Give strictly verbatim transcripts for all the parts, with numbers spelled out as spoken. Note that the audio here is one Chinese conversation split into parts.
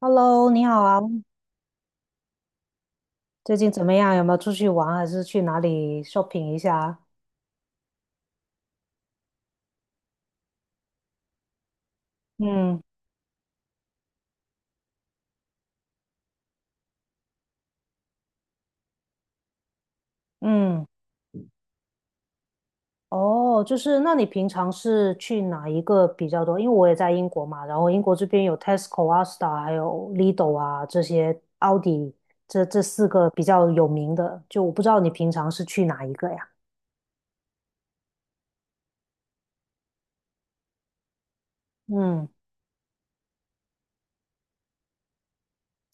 Hello,你好啊，最近怎么样？有没有出去玩，还是去哪里 shopping 一下啊？嗯嗯。哦，就是那你平常是去哪一个比较多？因为我也在英国嘛，然后英国这边有 Tesco 啊、Asda 还有 Lidl 啊这些，a u d 迪这这四个比较有名的，就我不知道你平常是去哪一个呀？嗯，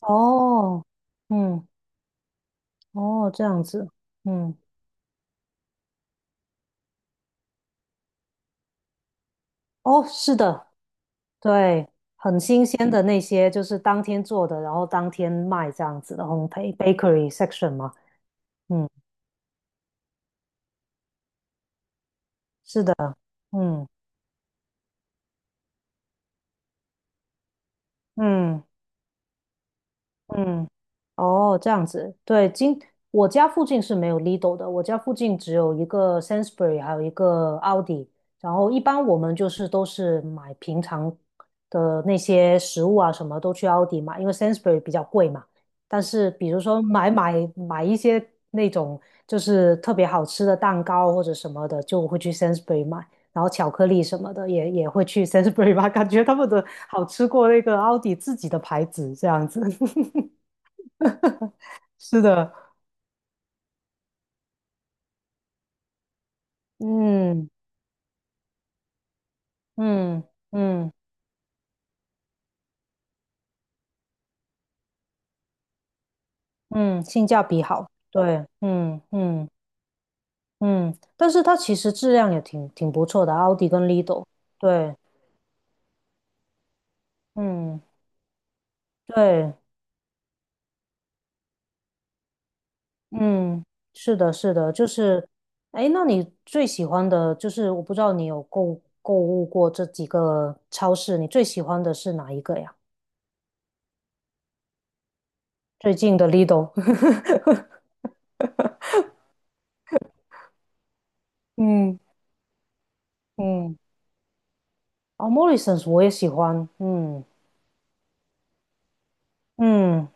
哦，嗯，哦，这样子，嗯，哦，是的。对，很新鲜的那些，就是当天做的，然后当天卖这样子的烘焙 bakery section 嘛。嗯，是的，嗯嗯。嗯，哦，这样子，对，今我家附近是没有 Lidl 的，我家附近只有一个 Sainsbury,还有一个奥迪。然后一般我们就是都是买平常的那些食物啊，什么都去奥迪买，因为 Sainsbury 比较贵嘛。但是比如说买买买一些那种就是特别好吃的蛋糕或者什么的，就会去 Sainsbury 买。然后巧克力什么的也也会去 Sainsbury 吧，感觉他们的好吃过那个奥迪自己的牌子这样子。是的，嗯嗯嗯嗯，性价比好，对，嗯嗯嗯。但是它其实质量也挺挺不错的，奥迪跟 Lido,对，嗯对，嗯，是的，是的，就是。哎，那你最喜欢的就是，我不知道你有购购物过这几个超市，你最喜欢的是哪一个呀？最近的 Lido。嗯嗯，哦，Morrisons 我也喜欢，嗯。嗯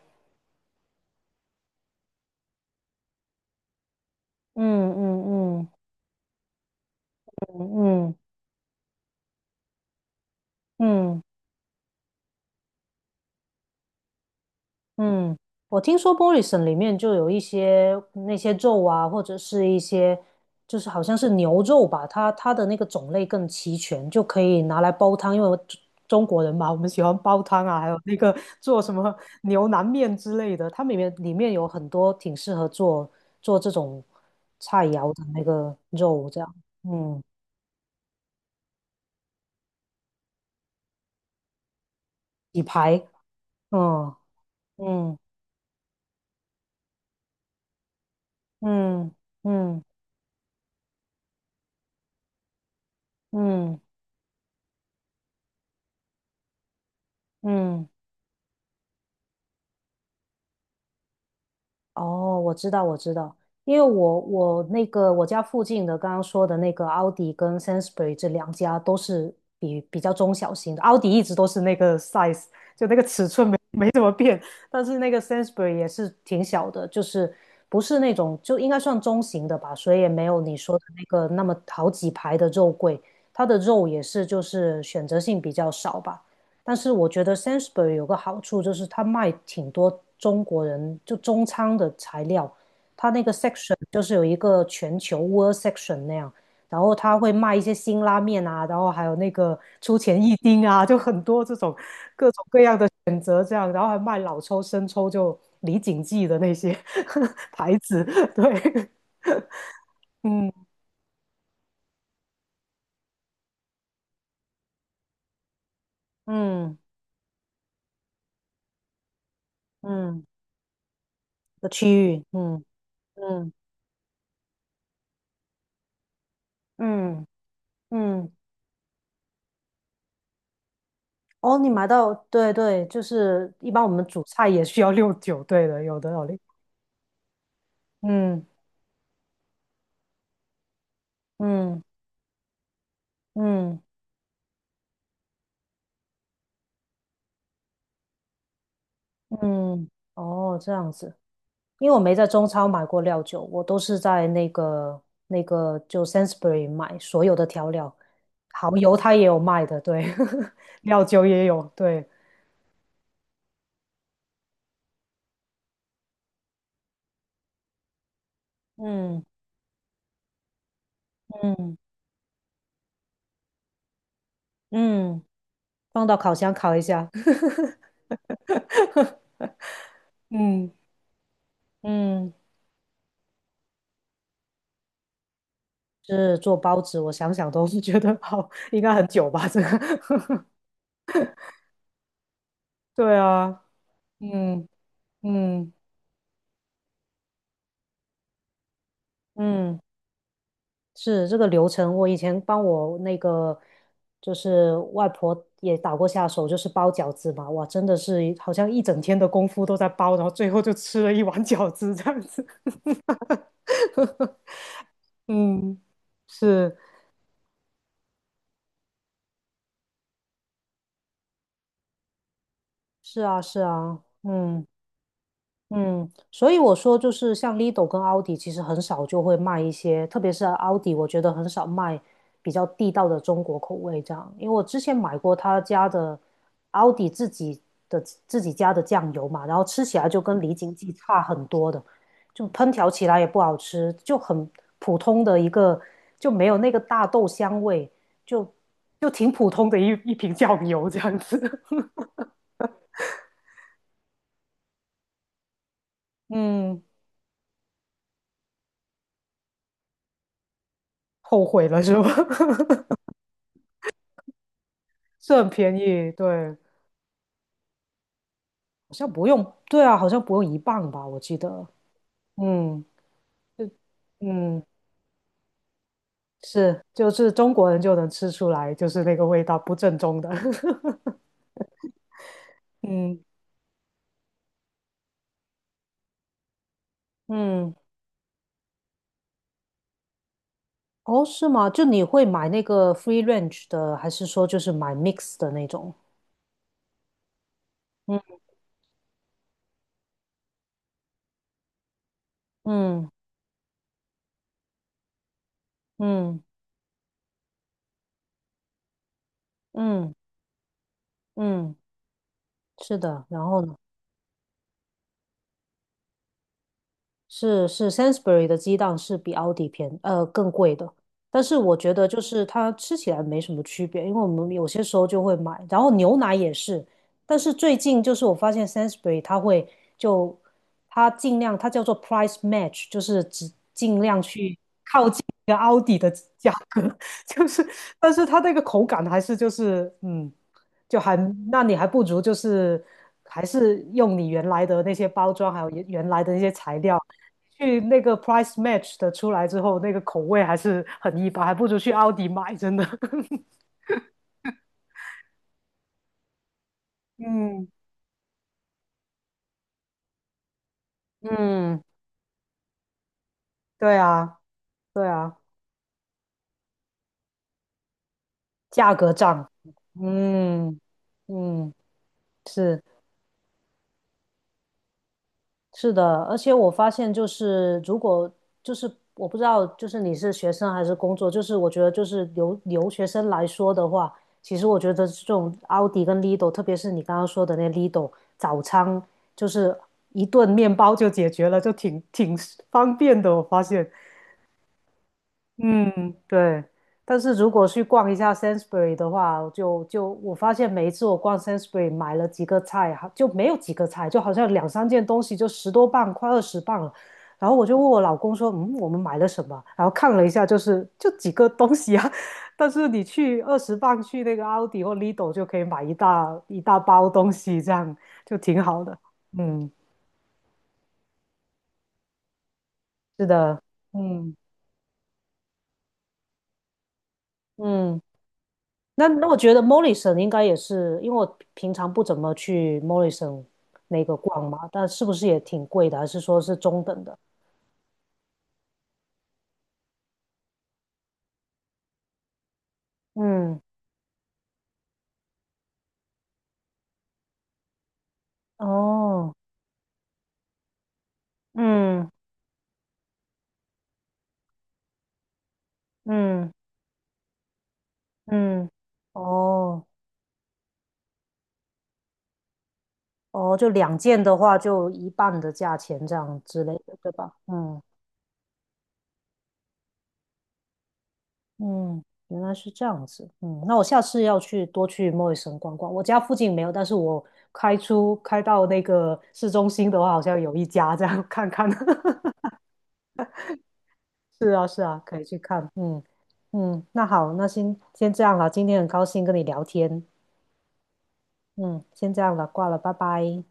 嗯嗯嗯嗯嗯嗯，我听说 m o r i s o n 里面就有一些那些肉啊，或者是一些就是好像是牛肉吧，它它的那个种类更齐全，就可以拿来煲汤。因为我中中国人嘛，我们喜欢煲汤啊，还有那个做什么牛腩面之类的，它里面里面有很多挺适合做做这种菜肴的那个肉，这样，嗯，底排，嗯嗯嗯嗯嗯嗯。嗯，哦，我知道，我知道，因为我我那个我家附近的刚刚说的那个奥迪跟 Sainsbury 这两家都是比比较中小型的，奥迪一直都是那个 size,就那个尺寸没没怎么变，但是那个 Sainsbury 也是挺小的，就是不是那种就应该算中型的吧，所以也没有你说的那个那么好几排的肉桂，它的肉也是就是选择性比较少吧。但是我觉得 s a n s b u r y 有个好处就是它卖挺多中国人就中餐的材料，它那个 section 就是有一个全球 world section 那样，然后它会卖一些辛拉面啊，然后还有那个出前一丁啊，就很多这种各这样，然后还卖老抽、生抽，就李锦记的那些 牌子，对，嗯嗯嗯的区域，嗯嗯嗯嗯。哦，你买到，对对，就是一般我们煮菜也需要六九，对的，有的有的。嗯嗯嗯嗯，哦，这样子，因为我没在中超买过料酒，我都是在那个那个就 Sainsbury 买所有的调料，蚝油它也有卖的，对，料酒也有，对，嗯嗯嗯，放到烤箱烤一下。嗯嗯，是做包子，我想想都是觉得好，应该很久吧，这个。对啊，嗯嗯嗯，是这个流程。我以前帮我那个就是外婆也打过下手，就是包饺子嘛。哇，真的是好像一整天的功夫都在包，然后最后就吃了一碗饺子这样子。嗯，是是啊是啊，嗯。嗯，所以我说就是像 Lido 跟奥迪，其实很少就会卖一些，特别是奥迪，我觉得很少卖比较地道的中国口味这样。因为我之前买过他家的奥迪自己的自己家的酱油嘛，然后吃起来就跟李锦记差很多的，就烹调起来也不好吃，就很普通的一个，就没有那个大豆香味，就就挺普通的一一瓶酱油这样子。嗯，后悔了是吧？是很便宜，对，好像不用，对啊，好像不用一磅吧，我记得，嗯，就嗯，是，就是中国人就能吃出来，就是那个味道不正宗的。嗯嗯，哦，是吗？就你会买那个 free range 的，还是说就是买 mix 的那种？嗯嗯嗯嗯嗯，是的。然后呢？是是 s a n s b u r y 的鸡蛋是比奥迪便呃更贵的，但是我觉得就是它吃起来没什么区别，因为我们有些时候就会买，然后牛奶也是，但是最近就是我发现 s a n s b u r y 它会就它尽量它叫做 price match,就是只尽量去个奥迪的价格，就是，但是它那个口感还是就是，嗯，就还，那你还不如就是，还是用你原来的那些包装，还有原原来的那些材料，去那个 price match 的出来之后，那个口味还是很一般，还不如去奥迪买，真的。嗯嗯，对啊，对啊，价格战，嗯嗯，是。是的，而且我发现就是，如果就是我不知道，就是你是学生还是工作，就是我觉得就是留留学生来说的话，其实我觉得这种奥迪跟 Lidl,特别是你刚刚说的那 Lidl 早餐，就是一顿面包就解决了，就挺挺方便的。我发现，嗯，对。但是如果去逛一下 Sainsbury 的话，就就我发现每一次我逛 Sainsbury 买了几个菜，哈就没有几个菜，就好像两三件东西就十多磅，快二十磅了。然后我就问我老公说："嗯，我们买了什么？"然后看了一下，就是就几个东西啊。但是你去二十磅去那个奥迪或 Lidl 就可以买一大一大包东西，这样就挺好的。嗯，是的，嗯嗯。那那我觉得 Morrison 应该也是，因为我平常不怎么去 Morrison 那个逛嘛，但是不是也挺贵的，还是说是中等的？嗯，哦，嗯嗯嗯，哦哦，就两件的话，就一半的价钱这样之类的，对吧？嗯嗯，原来是这样子。嗯，那我下次要去多去 Morrison 逛逛。我家附近没有，但是我开出开到那个市中心的话，好像有一家，这样看看。是啊，是啊，可以去看。嗯嗯，那好，那先先这样了。今天很高兴跟你聊天。嗯，先这样了，挂了，拜拜。